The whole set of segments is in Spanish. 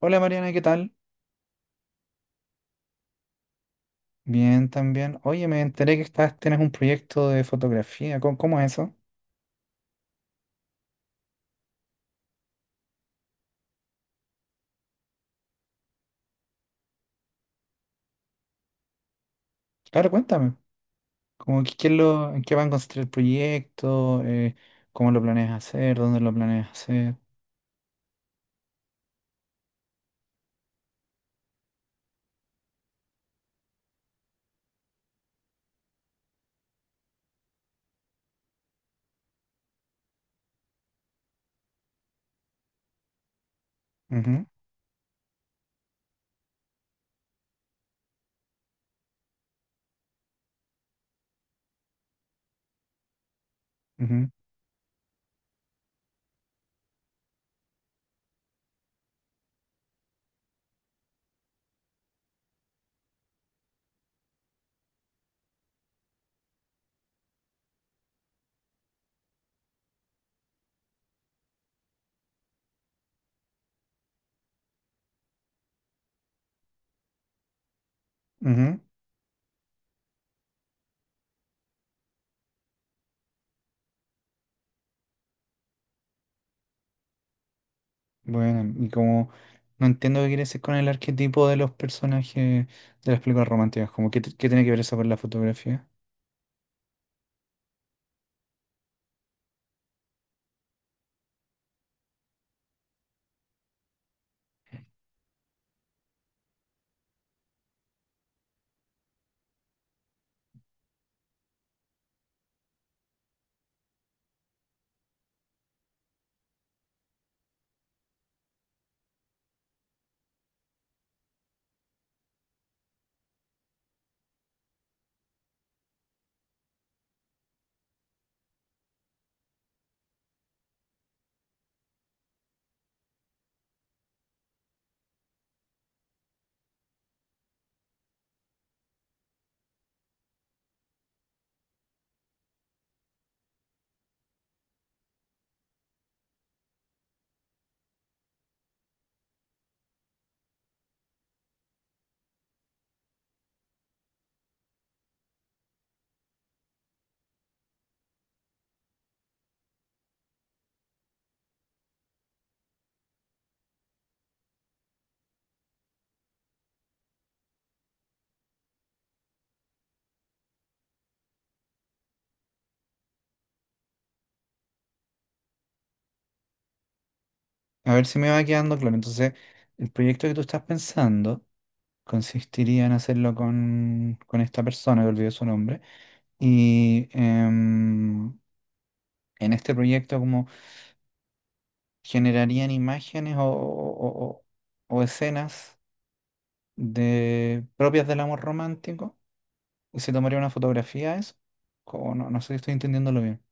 Hola Mariana, ¿qué tal? Bien, también. Oye, me enteré que estás, tienes un proyecto de fotografía. ¿Cómo es eso? Claro, cuéntame. Como que, ¿qué es lo, en qué va a consistir el proyecto? ¿Cómo lo planeas hacer? ¿Dónde lo planeas hacer? Ujú, ujú, ujú. Bueno, y como no entiendo qué quieres decir con el arquetipo de los personajes de las películas románticas, como qué, qué tiene que ver eso con la fotografía. A ver si me va quedando claro. Entonces, el proyecto que tú estás pensando. Consistiría en hacerlo con esta persona, que olvidé su nombre. Y en este proyecto como generarían imágenes o, o escenas de, propias del amor romántico. Y se tomaría una fotografía de eso. Como no, no sé si estoy entendiéndolo bien.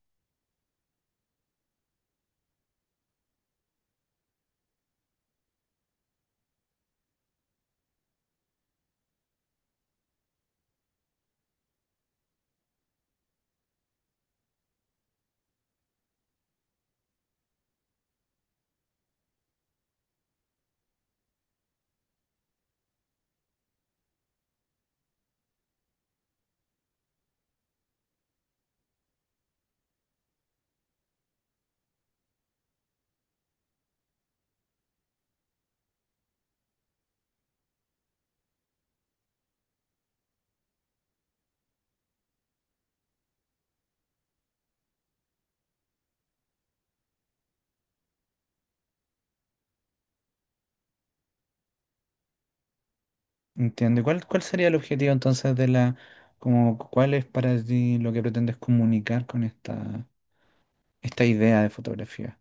Entiendo. ¿Y ¿cuál, cuál sería el objetivo entonces de la, como, cuál es para ti lo que pretendes comunicar con esta, esta idea de fotografía?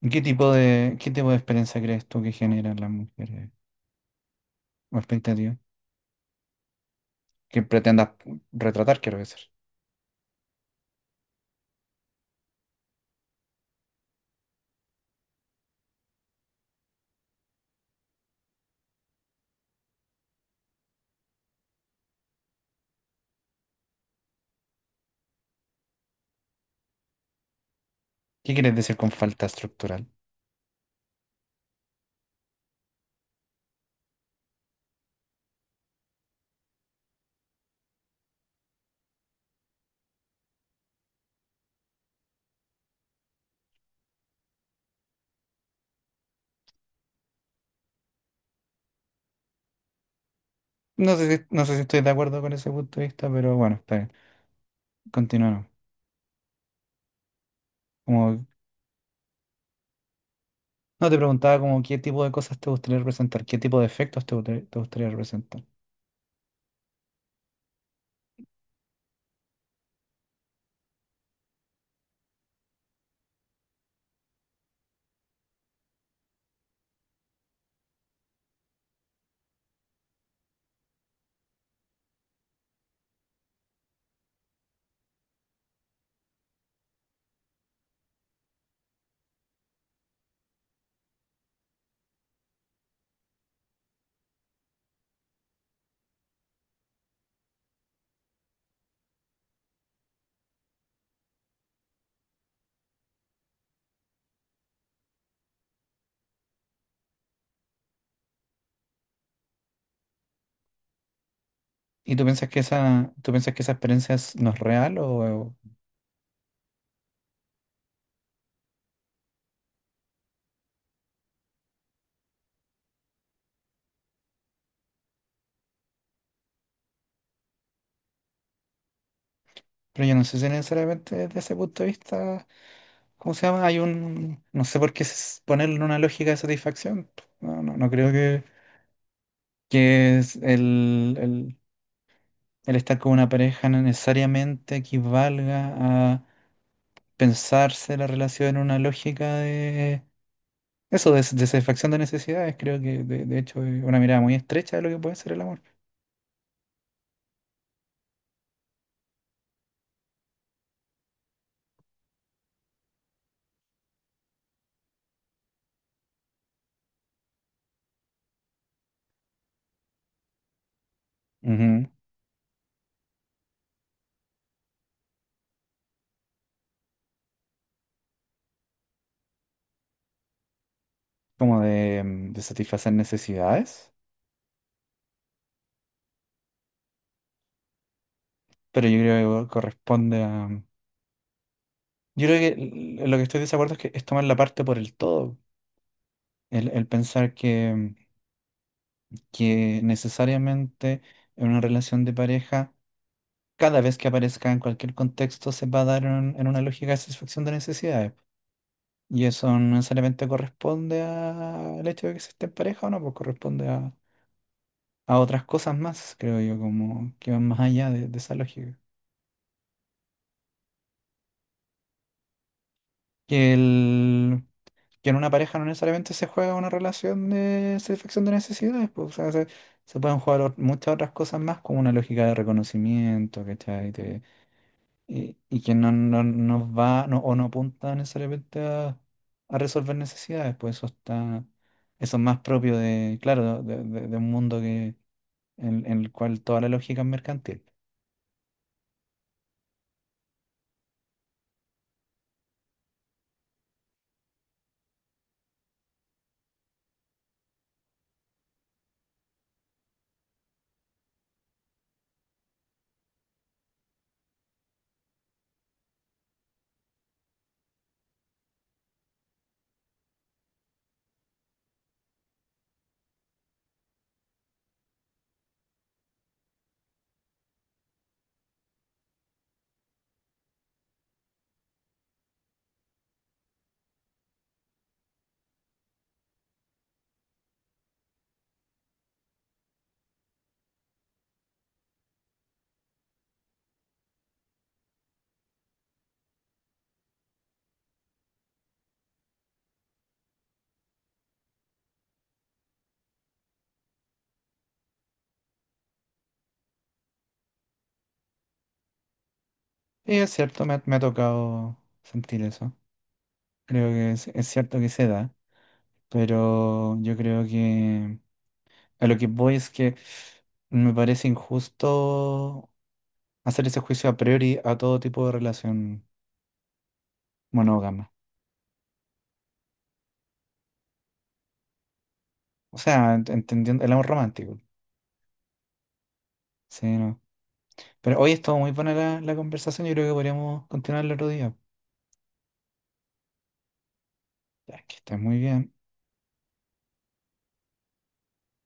¿Y ¿qué tipo de, qué tipo de experiencia crees tú que generan las mujeres? O expectativa que pretendas retratar, quiero decir. ¿Qué quieres decir con falta estructural? No sé si, no sé si estoy de acuerdo con ese punto de vista, pero bueno, está bien. Continuamos. Como, no te preguntaba como qué tipo de cosas te gustaría representar, qué tipo de efectos te gustaría representar. ¿Y tú piensas que esa, tú piensas que esa experiencia es- no es real? O, pero yo no sé si necesariamente desde ese punto de vista, ¿cómo se llama? Hay un, no sé por qué ponerlo en una lógica de satisfacción. No, no, no creo que es el, el estar con una pareja no necesariamente equivalga a pensarse la relación en una lógica de eso, de satisfacción de necesidades. Creo que de hecho es una mirada muy estrecha de lo que puede ser el amor. Ujú. Como de, de satisfacer necesidades. Pero yo creo que corresponde a... Yo creo que lo que estoy desacuerdo es que es tomar la parte por el todo. El pensar que necesariamente en una relación de pareja cada vez que aparezca en cualquier contexto se va a dar en una lógica de satisfacción de necesidades. Y eso no necesariamente corresponde al hecho de que se esté en pareja o no, pues corresponde a otras cosas más, creo yo, como que van más allá de esa lógica. Que, el, que en una pareja no necesariamente se juega una relación de satisfacción de necesidades, pues, o sea, se pueden jugar muchas otras cosas más, como una lógica de reconocimiento, ¿cachai? Y, y que no, no, no va no, o no apunta necesariamente a resolver necesidades, pues eso está, eso es más propio de, claro, de, de un mundo que, en el cual toda la lógica es mercantil. Y es cierto, me ha tocado sentir eso. Creo que es cierto que se da, pero yo creo que a lo que voy es que me parece injusto hacer ese juicio a priori a todo tipo de relación monógama. O sea, entendiendo el amor romántico. Sí, no. Pero hoy estuvo muy buena la, la conversación. Yo creo que podríamos continuarla otro día. Ya, que estés muy bien.